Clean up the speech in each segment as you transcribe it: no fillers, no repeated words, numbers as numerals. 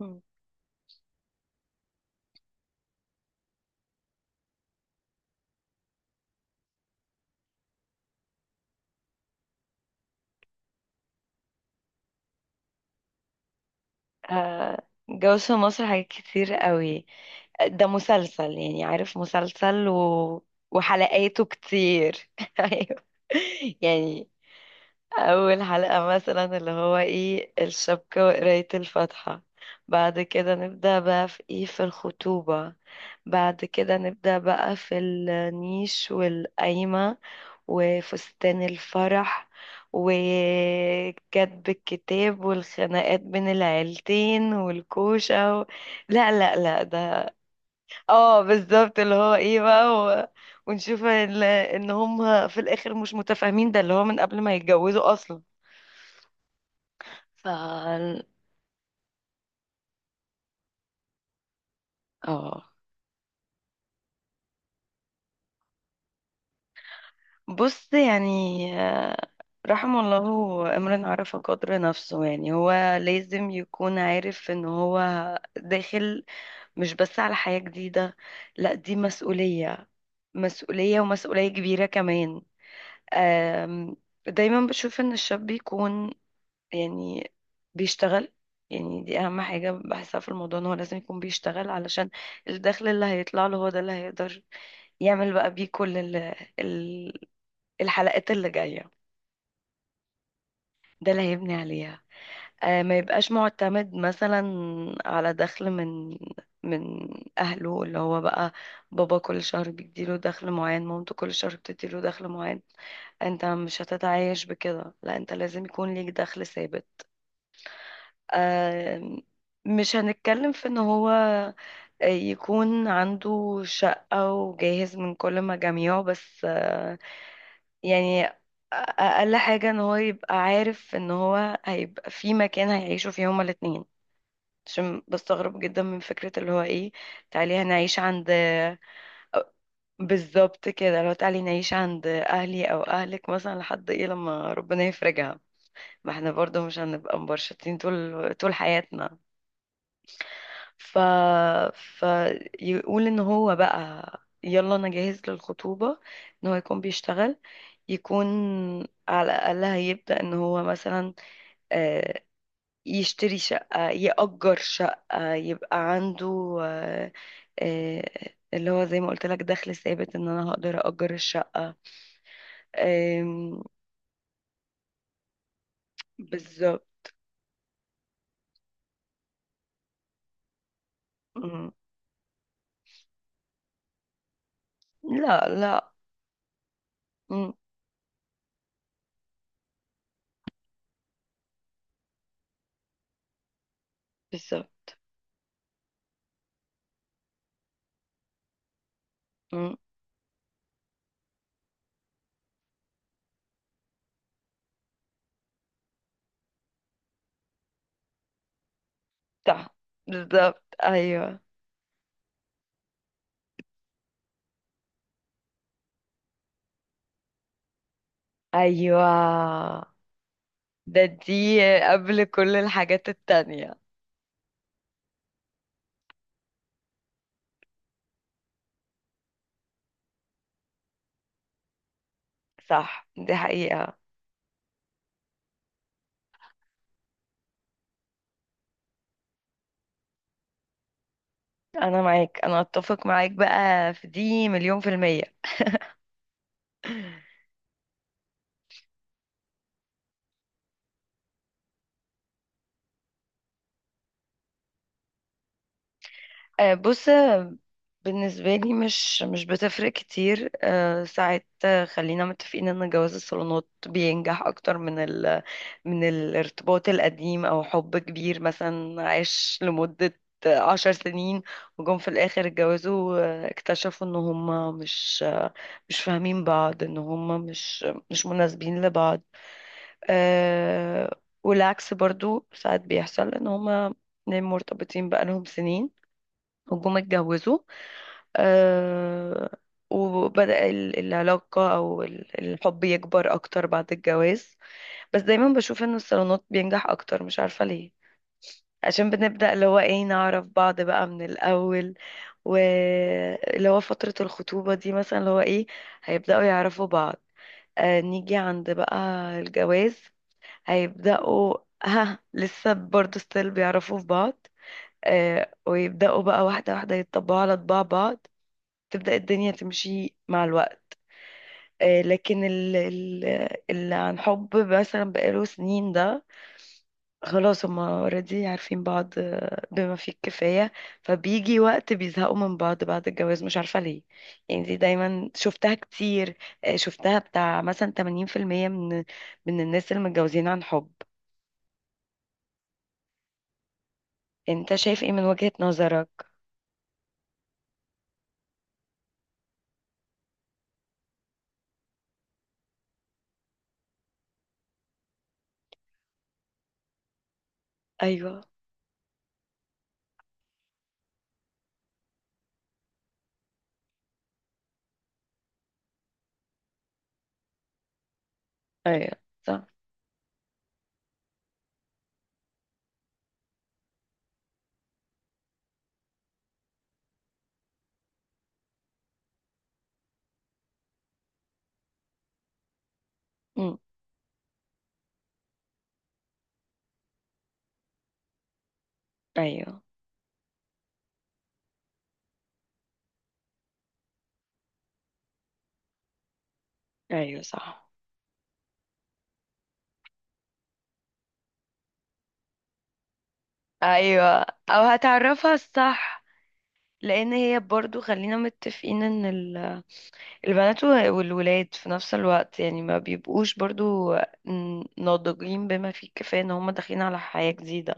مم. جو في مصر حاجات كتير قوي. ده مسلسل، يعني عارف مسلسل وحلقاته كتير ايوه، يعني أول حلقة مثلا اللي هو إيه الشبكة وقراية الفاتحة. بعد كده نبدأ بقى في إيه في الخطوبة. بعد كده نبدأ بقى في النيش والقايمة وفستان الفرح وكتب الكتاب والخناقات بين العيلتين والكوشة لا لا لا، ده اه بالظبط اللي هو ايه بقى ونشوف ان هم في الاخر مش متفاهمين، ده اللي هو من قبل ما يتجوزوا اصلا. ف اه بص يعني، آه، رحم الله امرئ عرف قدر نفسه. يعني هو لازم يكون عارف ان هو داخل، مش بس على حياة جديدة، لا دي مسؤولية، مسؤولية ومسؤولية كبيرة كمان. آم، دايما بشوف ان الشاب بيكون، يعني، بيشتغل. يعني دي اهم حاجة بحسها في الموضوع، ان هو لازم يكون بيشتغل علشان الدخل اللي هيطلع له هو ده اللي هيقدر يعمل بقى بيه كل ال- الحلقات اللي جاية. ده اللي هيبني عليها. آه، ما يبقاش معتمد مثلا على دخل من من أهله، اللي هو بقى بابا كل شهر بيديله دخل معين، مامته كل شهر بتديله دخل معين. انت مش هتتعايش بكده، لا انت لازم يكون ليك دخل ثابت. آم، مش هنتكلم في ان هو يكون عنده شقة وجاهز من كل مجاميعه، بس يعني اقل حاجة ان هو يبقى عارف ان هو هيبقى في مكان هيعيشوا فيه هما الاتنين. عشان بستغرب جدا من فكرة اللي هو ايه، تعالي هنعيش عند بالظبط كده، لو تعالي نعيش عند اهلي او اهلك مثلا لحد ايه، لما ربنا يفرجها. ما احنا برضو مش هنبقى مبرشطين طول طول حياتنا. ف... فيقول ان هو بقى يلا انا جاهز للخطوبة، ان هو يكون بيشتغل، يكون على الأقل هيبدأ ان هو مثلا، آه، يشتري شقة يأجر شقة يبقى عنده، اللي هو زي ما قلت لك، دخل ثابت، ان انا هقدر أأجر الشقة. آم، بالظبط. مم. لا لا. مم، بالظبط. مم، صح، بالظبط، ايوه. ايوه، ده دي قبل كل الحاجات التانية. صح، دي حقيقة. أنا معاك، أنا أتفق معاك بقى في دي مليون في المية. بص، بالنسبة لي مش بتفرق كتير، ساعات، خلينا متفقين ان جواز الصالونات بينجح اكتر من من الارتباط القديم او حب كبير مثلا عاش لمدة 10 سنين، وجم في الاخر اتجوزوا، اكتشفوا ان هم مش فاهمين بعض، ان هم مش مناسبين لبعض. آه، والعكس برضو ساعات بيحصل، ان هم اتنين مرتبطين بقالهم سنين، وجم اتجوزوا، آه، وبدأ العلاقة أو الحب يكبر أكتر بعد الجواز. بس دايما بشوف إن الصالونات بينجح أكتر، مش عارفة ليه، عشان بنبدأ اللي هو إيه نعرف بعض بقى من الأول. واللي هو فترة الخطوبة دي مثلا، اللي هو إيه، هيبدأوا يعرفوا بعض. آه، نيجي عند بقى الجواز، هيبدأوا ها، لسه برضه ستيل بيعرفوا في بعض. آه، ويبدأوا بقى واحدة واحدة يتطبعوا على طباع بعض، تبدأ الدنيا تمشي مع الوقت. لكن اللي عن حب مثلا بقاله سنين ده، خلاص هما اوريدي عارفين بعض بما فيه الكفاية، فبيجي وقت بيزهقوا من بعض بعد الجواز، مش عارفة ليه، يعني دي دايما شفتها كتير. شفتها بتاع مثلا 80% من الناس اللي متجوزين عن حب. انت شايف ايه من وجهة نظرك؟ ايوه، ايوه، صح. مم. ايوه، ايوه، صح. ايوه، او هتعرفها الصح. لان هي برضو خلينا متفقين ان البنات والولاد في نفس الوقت، يعني ما بيبقوش برضو ناضجين بما فيه الكفاية، ان هم داخلين على حياة جديدة.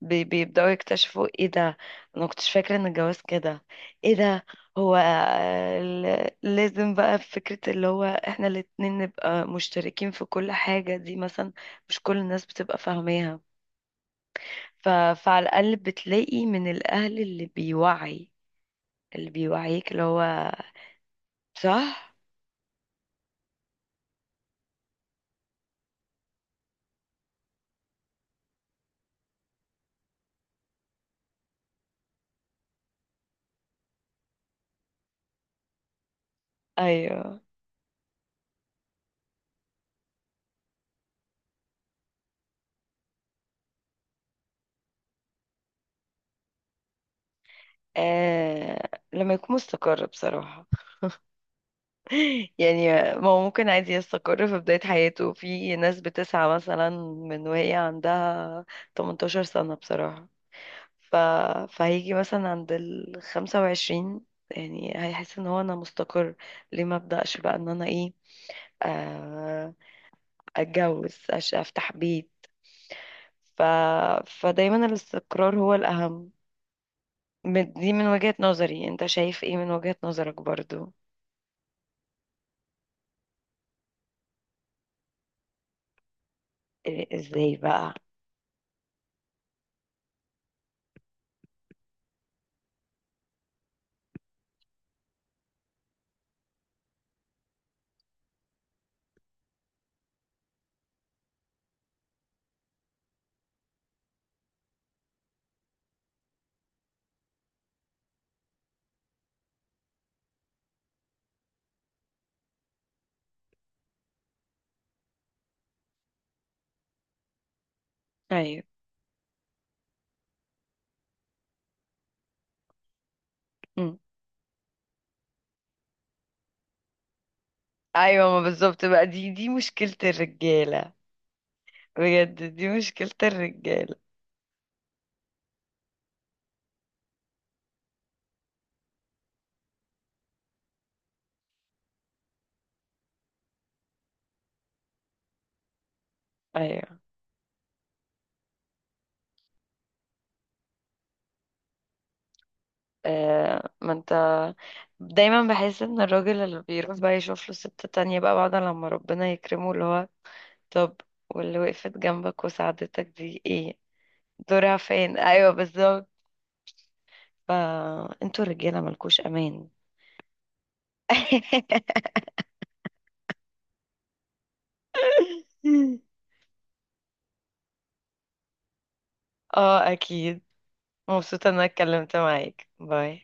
بيبدأوا يكتشفوا ايه ده، انا كنتش فاكرة ان الجواز كده، ايه ده، هو لازم بقى، فكرة اللي هو احنا الاتنين نبقى مشتركين في كل حاجة دي مثلا، مش كل الناس بتبقى فاهماها. فعلى الأقل بتلاقي من الأهل اللي بيوعي، اللي بيوعيك، اللي هو صح، ايوه. لما يكون مستقر بصراحة. يعني ما هو ممكن عادي يستقر في بداية حياته، في ناس بتسعى مثلا من وهي عندها 18 سنة بصراحة. ف... فهيجي مثلا عند ال 25، يعني هيحس ان هو انا مستقر، ليه ما ابدأش بقى ان انا ايه، آه... اتجوز، افتح بيت. ف... فدايما الاستقرار هو الأهم. دي من وجهة نظري، انت شايف ايه من وجهة نظرك برضو؟ ازاي بقى؟ ايوه. مم. ايوه، ما بالظبط بقى، دي مشكلة الرجالة. بجد دي مشكلة الرجالة. ايوه، آه، ما انت، دايما بحس ان الراجل اللي بيروح بقى يشوف له ست تانية بقى بعد لما ربنا يكرمه، اللي هو طب، واللي وقفت جنبك وساعدتك دي ايه دورها فين؟ ايوه بالظبط، فانتوا الرجالة ملكوش امان. اه اكيد. مبسوطة ان انا اتكلمت معاك. باي.